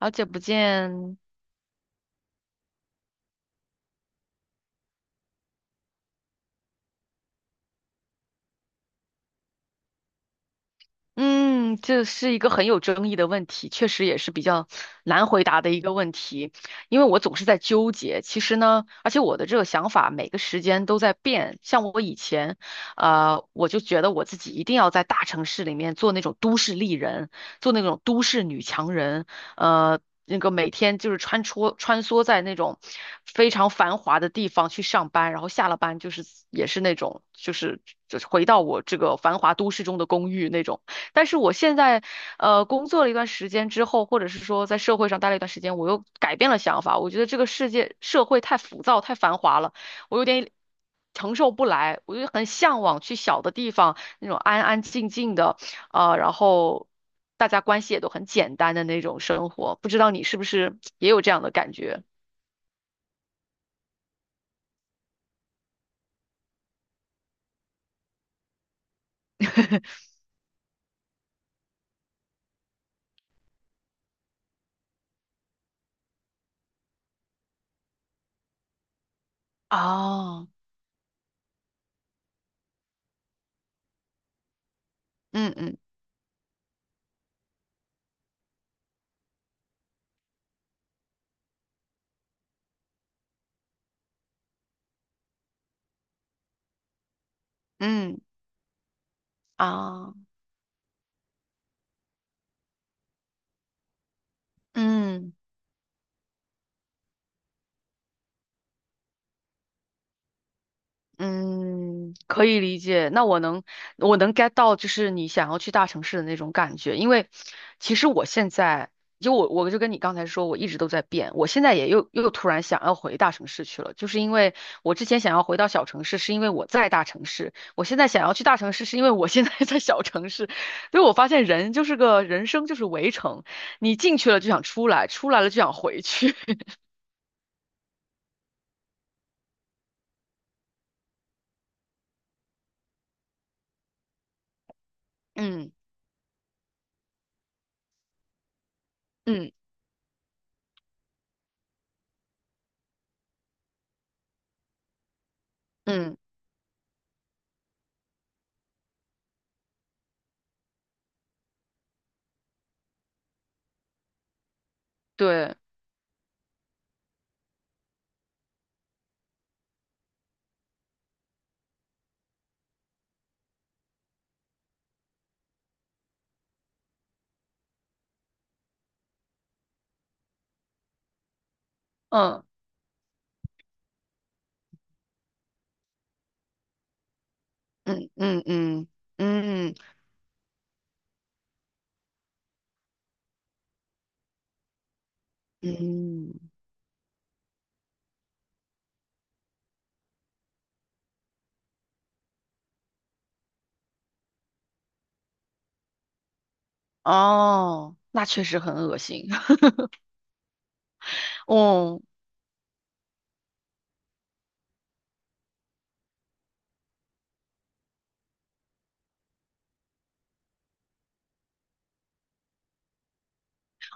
好久不见，嗯，这是一个很有争议的问题，确实也是比较难回答的一个问题，因为我总是在纠结。其实呢，而且我的这个想法每个时间都在变。像我以前，我就觉得我自己一定要在大城市里面做那种都市丽人，做那种都市女强人，那个每天就是穿梭在那种非常繁华的地方去上班，然后下了班就是也是那种就是回到我这个繁华都市中的公寓那种。但是我现在，工作了一段时间之后，或者是说在社会上待了一段时间，我又改变了想法。我觉得这个世界社会太浮躁、太繁华了，我有点承受不来。我就很向往去小的地方，那种安安静静的，啊，然后大家关系也都很简单的那种生活。不知道你是不是也有这样的感觉？哦，嗯嗯嗯，啊，嗯。嗯，可以理解。那我能，我能 get 到，就是你想要去大城市的那种感觉。因为其实我现在，就我就跟你刚才说，我一直都在变。我现在也又突然想要回大城市去了，就是因为我之前想要回到小城市，是因为我在大城市；我现在想要去大城市，是因为我现在 在小城市。所以我发现人就是个人生就是围城，你进去了就想出来，出来了就想回去。嗯嗯嗯，对，嗯。嗯嗯嗯嗯嗯，哦，那确实很恶心。哦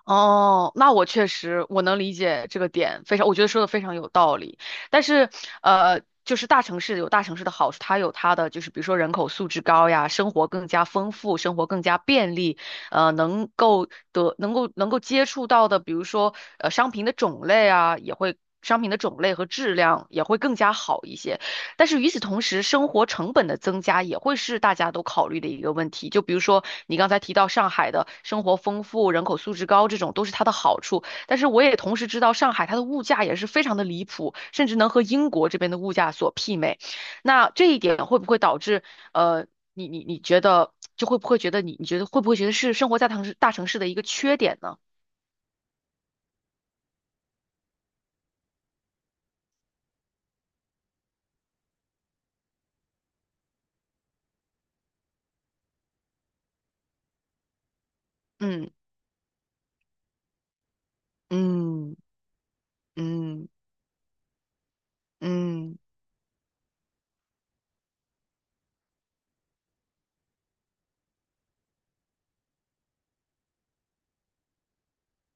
哦，那我确实我能理解这个点，非常，我觉得说的非常有道理。但是就是大城市有大城市的好处，它有它的就是比如说人口素质高呀，生活更加丰富，生活更加便利，能够得能够能够接触到的，比如说商品的种类啊，也会商品的种类和质量也会更加好一些。但是与此同时，生活成本的增加也会是大家都考虑的一个问题。就比如说你刚才提到上海的生活丰富、人口素质高，这种都是它的好处。但是我也同时知道，上海它的物价也是非常的离谱，甚至能和英国这边的物价所媲美。那这一点会不会导致呃，你你你觉得就会不会觉得你你觉得会不会觉得是生活在大城市的一个缺点呢？嗯嗯嗯嗯。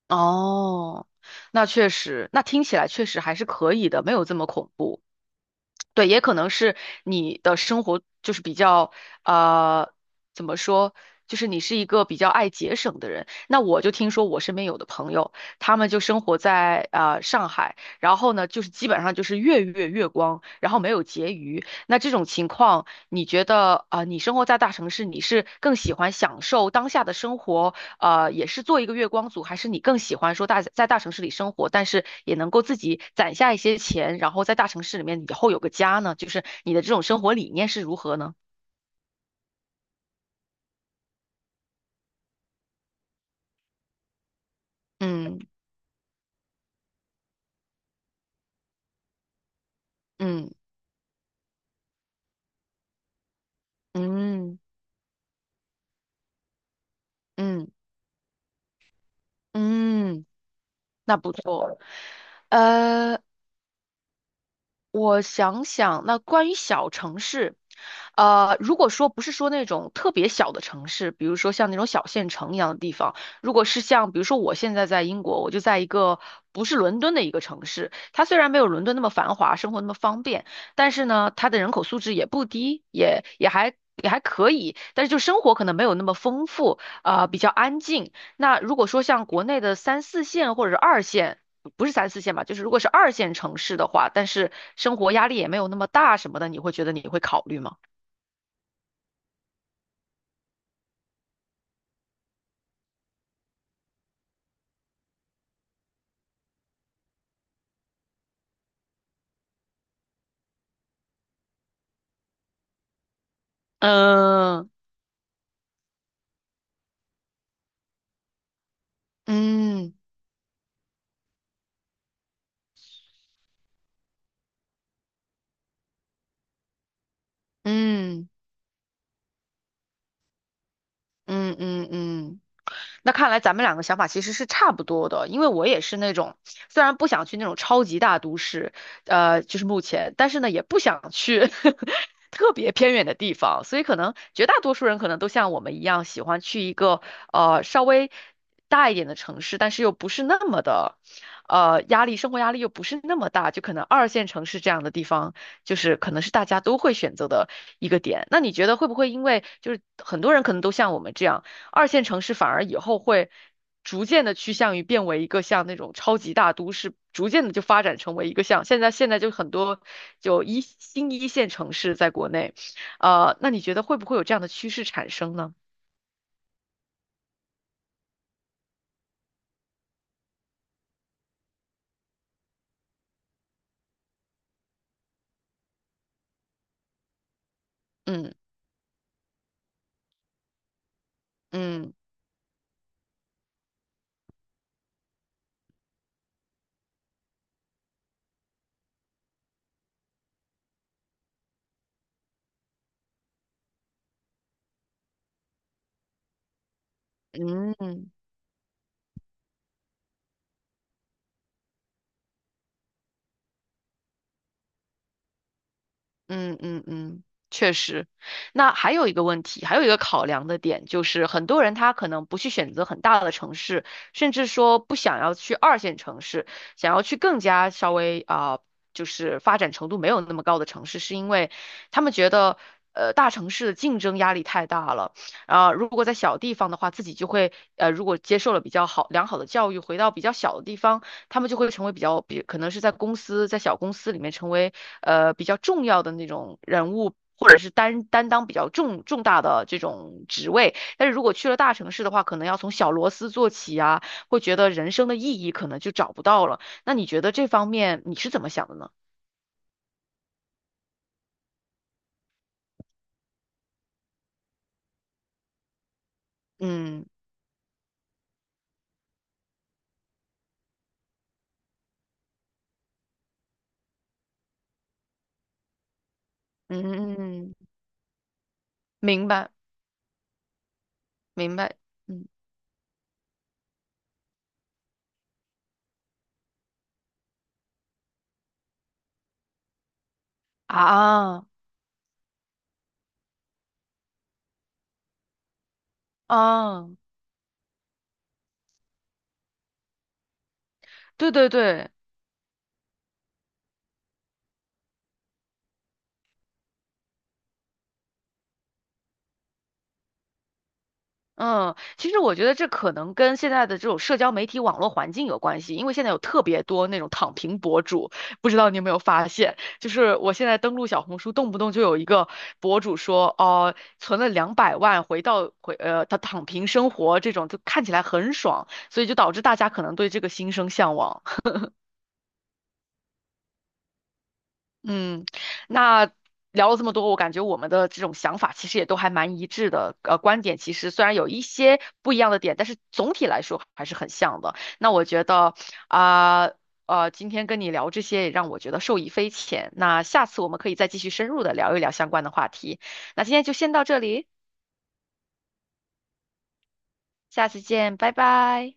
哦，那确实，那听起来确实还是可以的，没有这么恐怖。对，也可能是你的生活就是比较，呃，怎么说，就是你是一个比较爱节省的人。那我就听说我身边有的朋友，他们就生活在上海，然后呢，就是基本上就是月月光，然后没有结余。那这种情况，你觉得啊，你生活在大城市，你是更喜欢享受当下的生活？也是做一个月光族，还是你更喜欢说在大城市里生活，但是也能够自己攒下一些钱，然后在大城市里面以后有个家呢？就是你的这种生活理念是如何呢？嗯嗯嗯嗯嗯，那不错。呃我想想，那关于小城市，如果说不是说那种特别小的城市，比如说像那种小县城一样的地方，如果是像比如说我现在在英国，我就在一个不是伦敦的一个城市，它虽然没有伦敦那么繁华，生活那么方便，但是呢，它的人口素质也不低，也还也还可以，但是就生活可能没有那么丰富，啊、比较安静。那如果说像国内的三四线或者是二线，不是三四线吧，就是如果是二线城市的话，但是生活压力也没有那么大什么的，你会觉得你会考虑吗？嗯嗯嗯嗯嗯嗯嗯那看来咱们两个想法其实是差不多的，因为我也是那种虽然不想去那种超级大都市，就是目前，但是呢也不想去 特别偏远的地方，所以可能绝大多数人可能都像我们一样，喜欢去一个稍微大一点的城市，但是又不是那么的，压力，生活压力又不是那么大，就可能二线城市这样的地方，就是可能是大家都会选择的一个点。那你觉得会不会因为就是很多人可能都像我们这样？二线城市反而以后会逐渐的趋向于变为一个像那种超级大都市，逐渐的就发展成为一个像现在就很多就一新一线城市在国内，那你觉得会不会有这样的趋势产生呢？嗯嗯嗯。嗯嗯嗯，确实。那还有一个问题，还有一个考量的点，就是很多人他可能不去选择很大的城市，甚至说不想要去二线城市，想要去更加稍微啊、就是发展程度没有那么高的城市，是因为他们觉得。大城市的竞争压力太大了，啊、如果在小地方的话，自己就会，如果接受了比较好良好的教育，回到比较小的地方，他们就会成为比较比，可能是在公司，在小公司里面成为比较重要的那种人物，或者是担当比较重大的这种职位。但是如果去了大城市的话，可能要从小螺丝做起啊，会觉得人生的意义可能就找不到了。那你觉得这方面你是怎么想的呢？嗯嗯嗯，明白明白，嗯啊啊，对对对。嗯，其实我觉得这可能跟现在的这种社交媒体网络环境有关系，因为现在有特别多那种躺平博主，不知道你有没有发现？就是我现在登录小红书，动不动就有一个博主说，哦、存了200万，回到回呃，他躺平生活这种，就看起来很爽，所以就导致大家可能对这个心生向往。嗯，那聊了这么多，我感觉我们的这种想法其实也都还蛮一致的。呃，观点其实虽然有一些不一样的点，但是总体来说还是很像的。那我觉得啊，今天跟你聊这些也让我觉得受益匪浅。那下次我们可以再继续深入的聊一聊相关的话题。那今天就先到这里，下次见，拜拜。